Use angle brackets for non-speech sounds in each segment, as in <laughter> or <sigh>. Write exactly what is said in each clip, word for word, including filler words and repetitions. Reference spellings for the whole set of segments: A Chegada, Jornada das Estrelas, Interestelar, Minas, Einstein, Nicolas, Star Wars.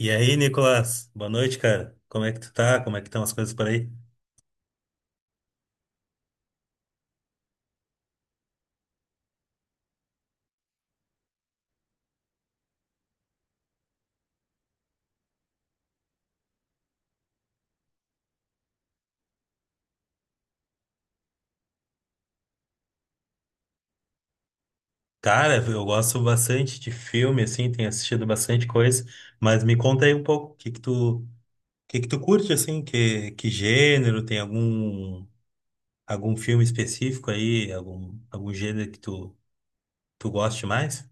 E aí, Nicolas? Boa noite, cara. Como é que tu tá? Como é que estão as coisas por aí? Cara, eu gosto bastante de filme, assim, tenho assistido bastante coisa, mas me conta aí um pouco, o que que tu, o que que tu curte, assim, que, que gênero, tem algum, algum filme específico aí, algum, algum gênero que tu, tu goste mais?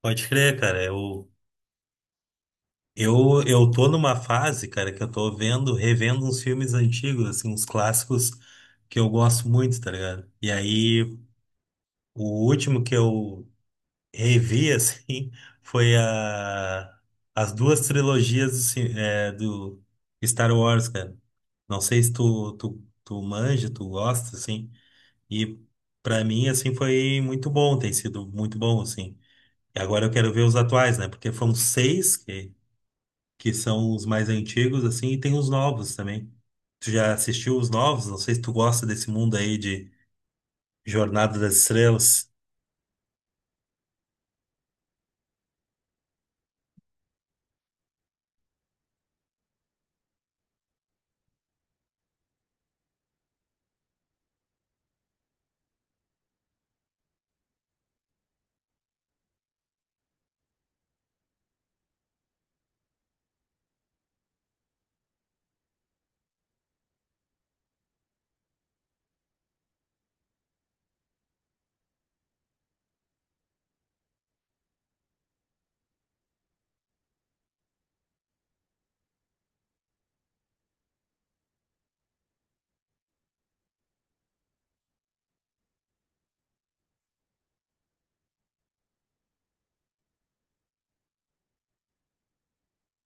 Pode crer, cara, eu, eu, eu tô numa fase, cara, que eu tô vendo, revendo uns filmes antigos, assim, uns clássicos que eu gosto muito, tá ligado? E aí. O último que eu revi, assim, <laughs> foi a, as duas trilogias do, ci- é, do Star Wars, cara. Não sei se tu, tu, tu manja, tu gosta, assim. E pra mim, assim, foi muito bom, tem sido muito bom, assim. E agora eu quero ver os atuais, né? Porque foram seis que, que são os mais antigos, assim, e tem os novos também. Tu já assistiu os novos? Não sei se tu gosta desse mundo aí de Jornada das Estrelas.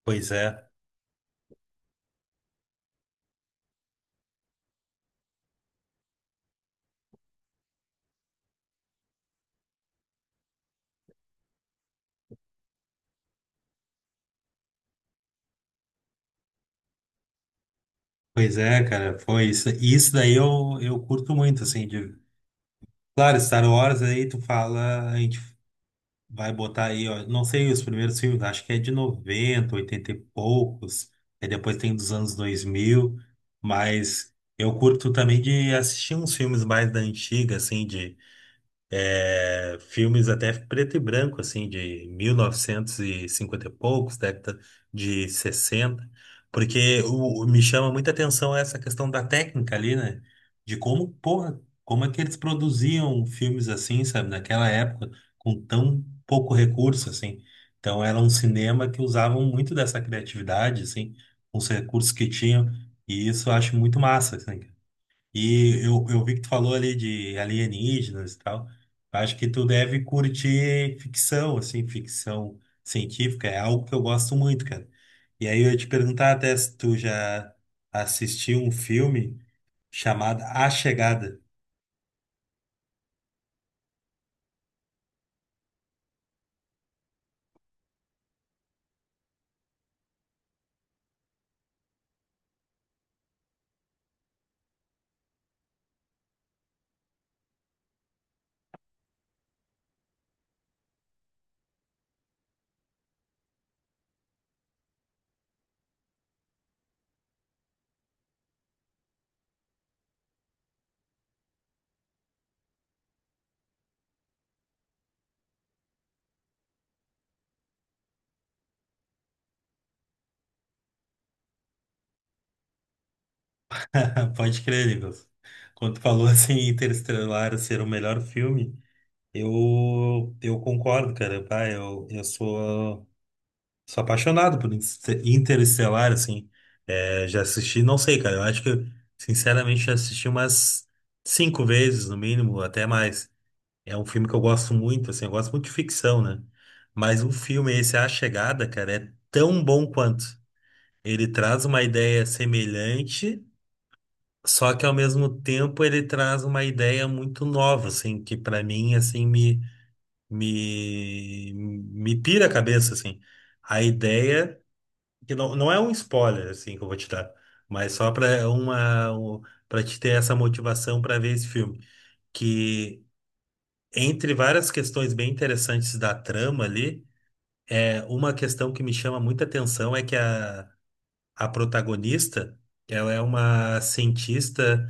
Pois é. Pois é, cara, foi isso. E isso daí eu, eu curto muito, assim, de. Claro, Star Wars aí tu fala, a gente vai botar aí, ó, não sei os primeiros filmes, acho que é de noventa oitenta e poucos, aí depois tem dos anos dois mil, mas eu curto também de assistir uns filmes mais da antiga, assim, de é, filmes até preto e branco, assim, de mil novecentos e cinquenta e poucos, década de sessenta, porque o, o- me chama muita atenção essa questão da técnica ali, né? De como, porra, como é que eles produziam filmes assim, sabe, naquela época, com tão pouco recurso, assim. Então era um cinema que usavam muito dessa criatividade, assim, com os recursos que tinham, e isso eu acho muito massa, assim. E eu, eu vi que tu falou ali de alienígenas e tal. Acho que tu deve curtir ficção, assim, ficção científica. É algo que eu gosto muito, cara. E aí eu ia te perguntar até se tu já assistiu um filme chamado A Chegada. <laughs> Pode crer, Nicolas. Quando tu falou assim, Interestelar ser o melhor filme, eu, eu concordo, cara. Pá, eu, eu sou. Sou apaixonado por Inter- Interestelar, assim. É, já assisti, não sei, cara. Eu acho que, eu, sinceramente, já assisti umas cinco vezes, no mínimo, até mais. É um filme que eu gosto muito, assim. Eu gosto muito de ficção, né? Mas o filme esse, A Chegada, cara, é tão bom quanto. Ele traz uma ideia semelhante, só que ao mesmo tempo ele traz uma ideia muito nova, assim, que pra mim, assim, me, me, me pira a cabeça, assim. A ideia que não, não é um spoiler assim que eu vou te dar, mas só para uma para te ter essa motivação para ver esse filme, que entre várias questões bem interessantes da trama ali, é, uma questão que me chama muita atenção é que a, a protagonista, ela é uma cientista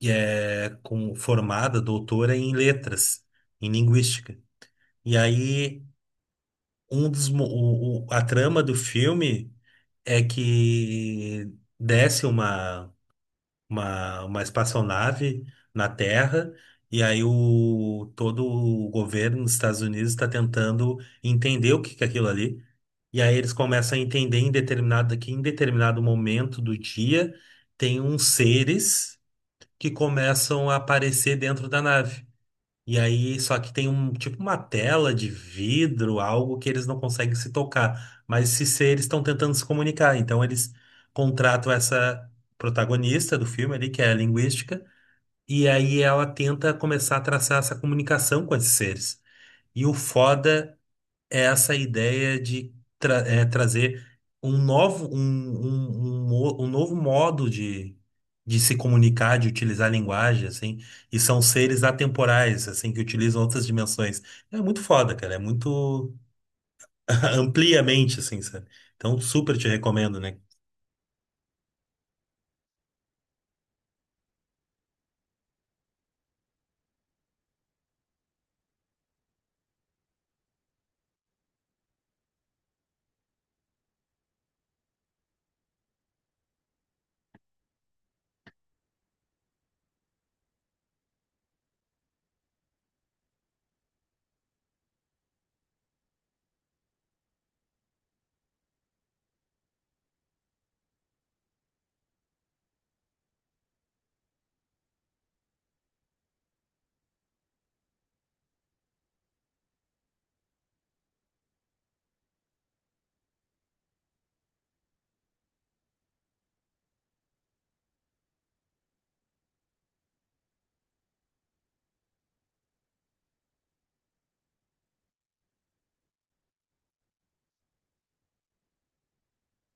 que é com formada doutora em letras, em linguística. E aí um dos mo- o, o- a trama do filme é que desce uma uma, uma espaçonave na Terra, e aí o, todo o governo dos Estados Unidos está tentando entender o que que é aquilo ali. E aí eles começam a entender em determinado, que em determinado momento do dia tem uns seres que começam a aparecer dentro da nave. E aí, só que tem um tipo uma tela de vidro, algo que eles não conseguem se tocar. Mas se seres estão tentando se comunicar. Então eles contratam essa protagonista do filme ali, que é a linguística, e aí ela tenta começar a traçar essa comunicação com esses seres. E o foda é essa ideia de tra- é, trazer um novo, um, um, um, mo- um novo modo de, de se comunicar, de utilizar a linguagem, assim, e são seres atemporais, assim, que utilizam outras dimensões. É muito foda, cara, é muito <laughs> ampliamente, assim, sabe? Então, super te recomendo, né?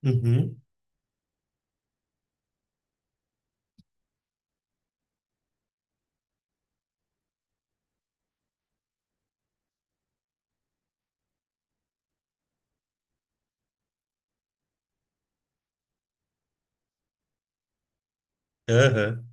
Uhum. Aham.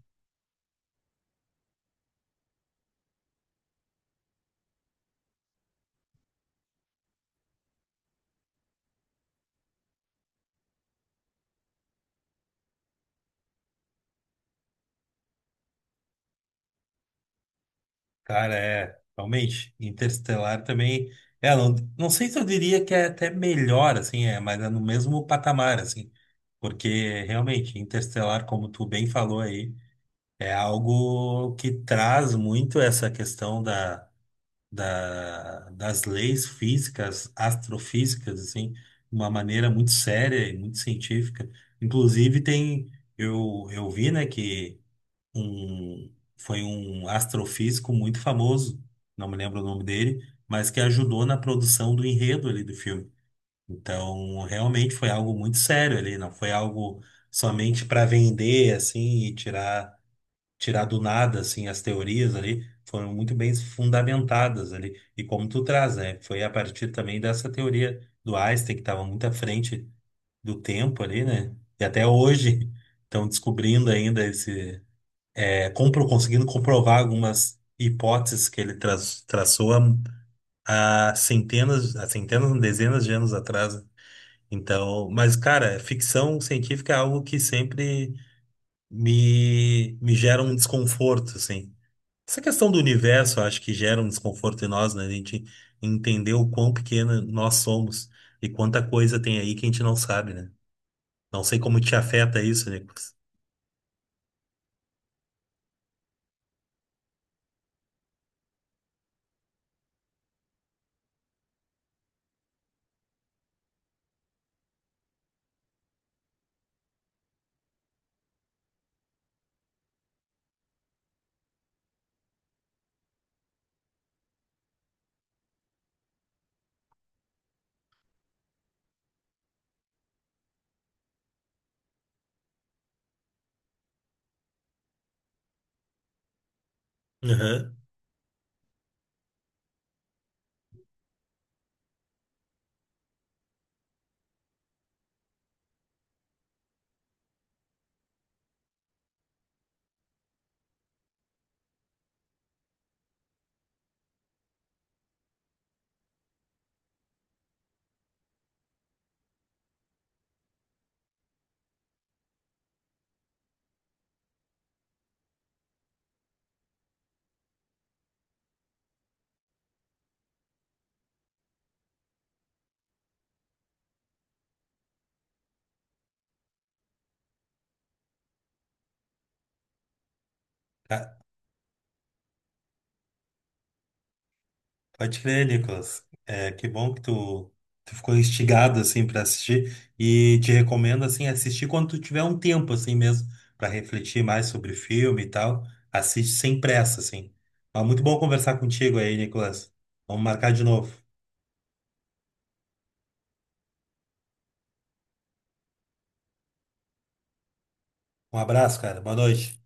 Cara, é, realmente, Interestelar também, é, não, não sei se eu diria que é até melhor, assim, é, mas é no mesmo patamar, assim, porque realmente, Interestelar, como tu bem falou aí, é algo que traz muito essa questão da, da, das leis físicas, astrofísicas, assim, de uma maneira muito séria e muito científica. Inclusive tem, eu, eu vi, né, que um, foi um astrofísico muito famoso, não me lembro o nome dele, mas que ajudou na produção do enredo ali do filme. Então, realmente foi algo muito sério ali, não foi algo somente para vender assim e tirar tirar do nada assim as teorias ali, foram muito bem fundamentadas ali. E como tu traz, né? Foi a partir também dessa teoria do Einstein que estava muito à frente do tempo ali, né? E até hoje <laughs> estão descobrindo ainda esse é, compro- conseguindo comprovar algumas hipóteses que ele tra- traçou há, há centenas, há centenas, não, dezenas de anos atrás. Então, mas cara, ficção científica é algo que sempre me, me gera um desconforto, assim. Essa questão do universo, eu acho que gera um desconforto em nós, né? A gente entender o quão pequena nós somos e quanta coisa tem aí que a gente não sabe, né? Não sei como te afeta isso, Nicolas. Aham. Pode crer, Nicolas. É, que bom que tu, tu ficou instigado assim para assistir, e te recomendo assim assistir quando tu tiver um tempo assim mesmo para refletir mais sobre o filme e tal. Assiste sem pressa assim. Mas muito bom conversar contigo aí, Nicolas. Vamos marcar de novo. Um abraço, cara. Boa noite.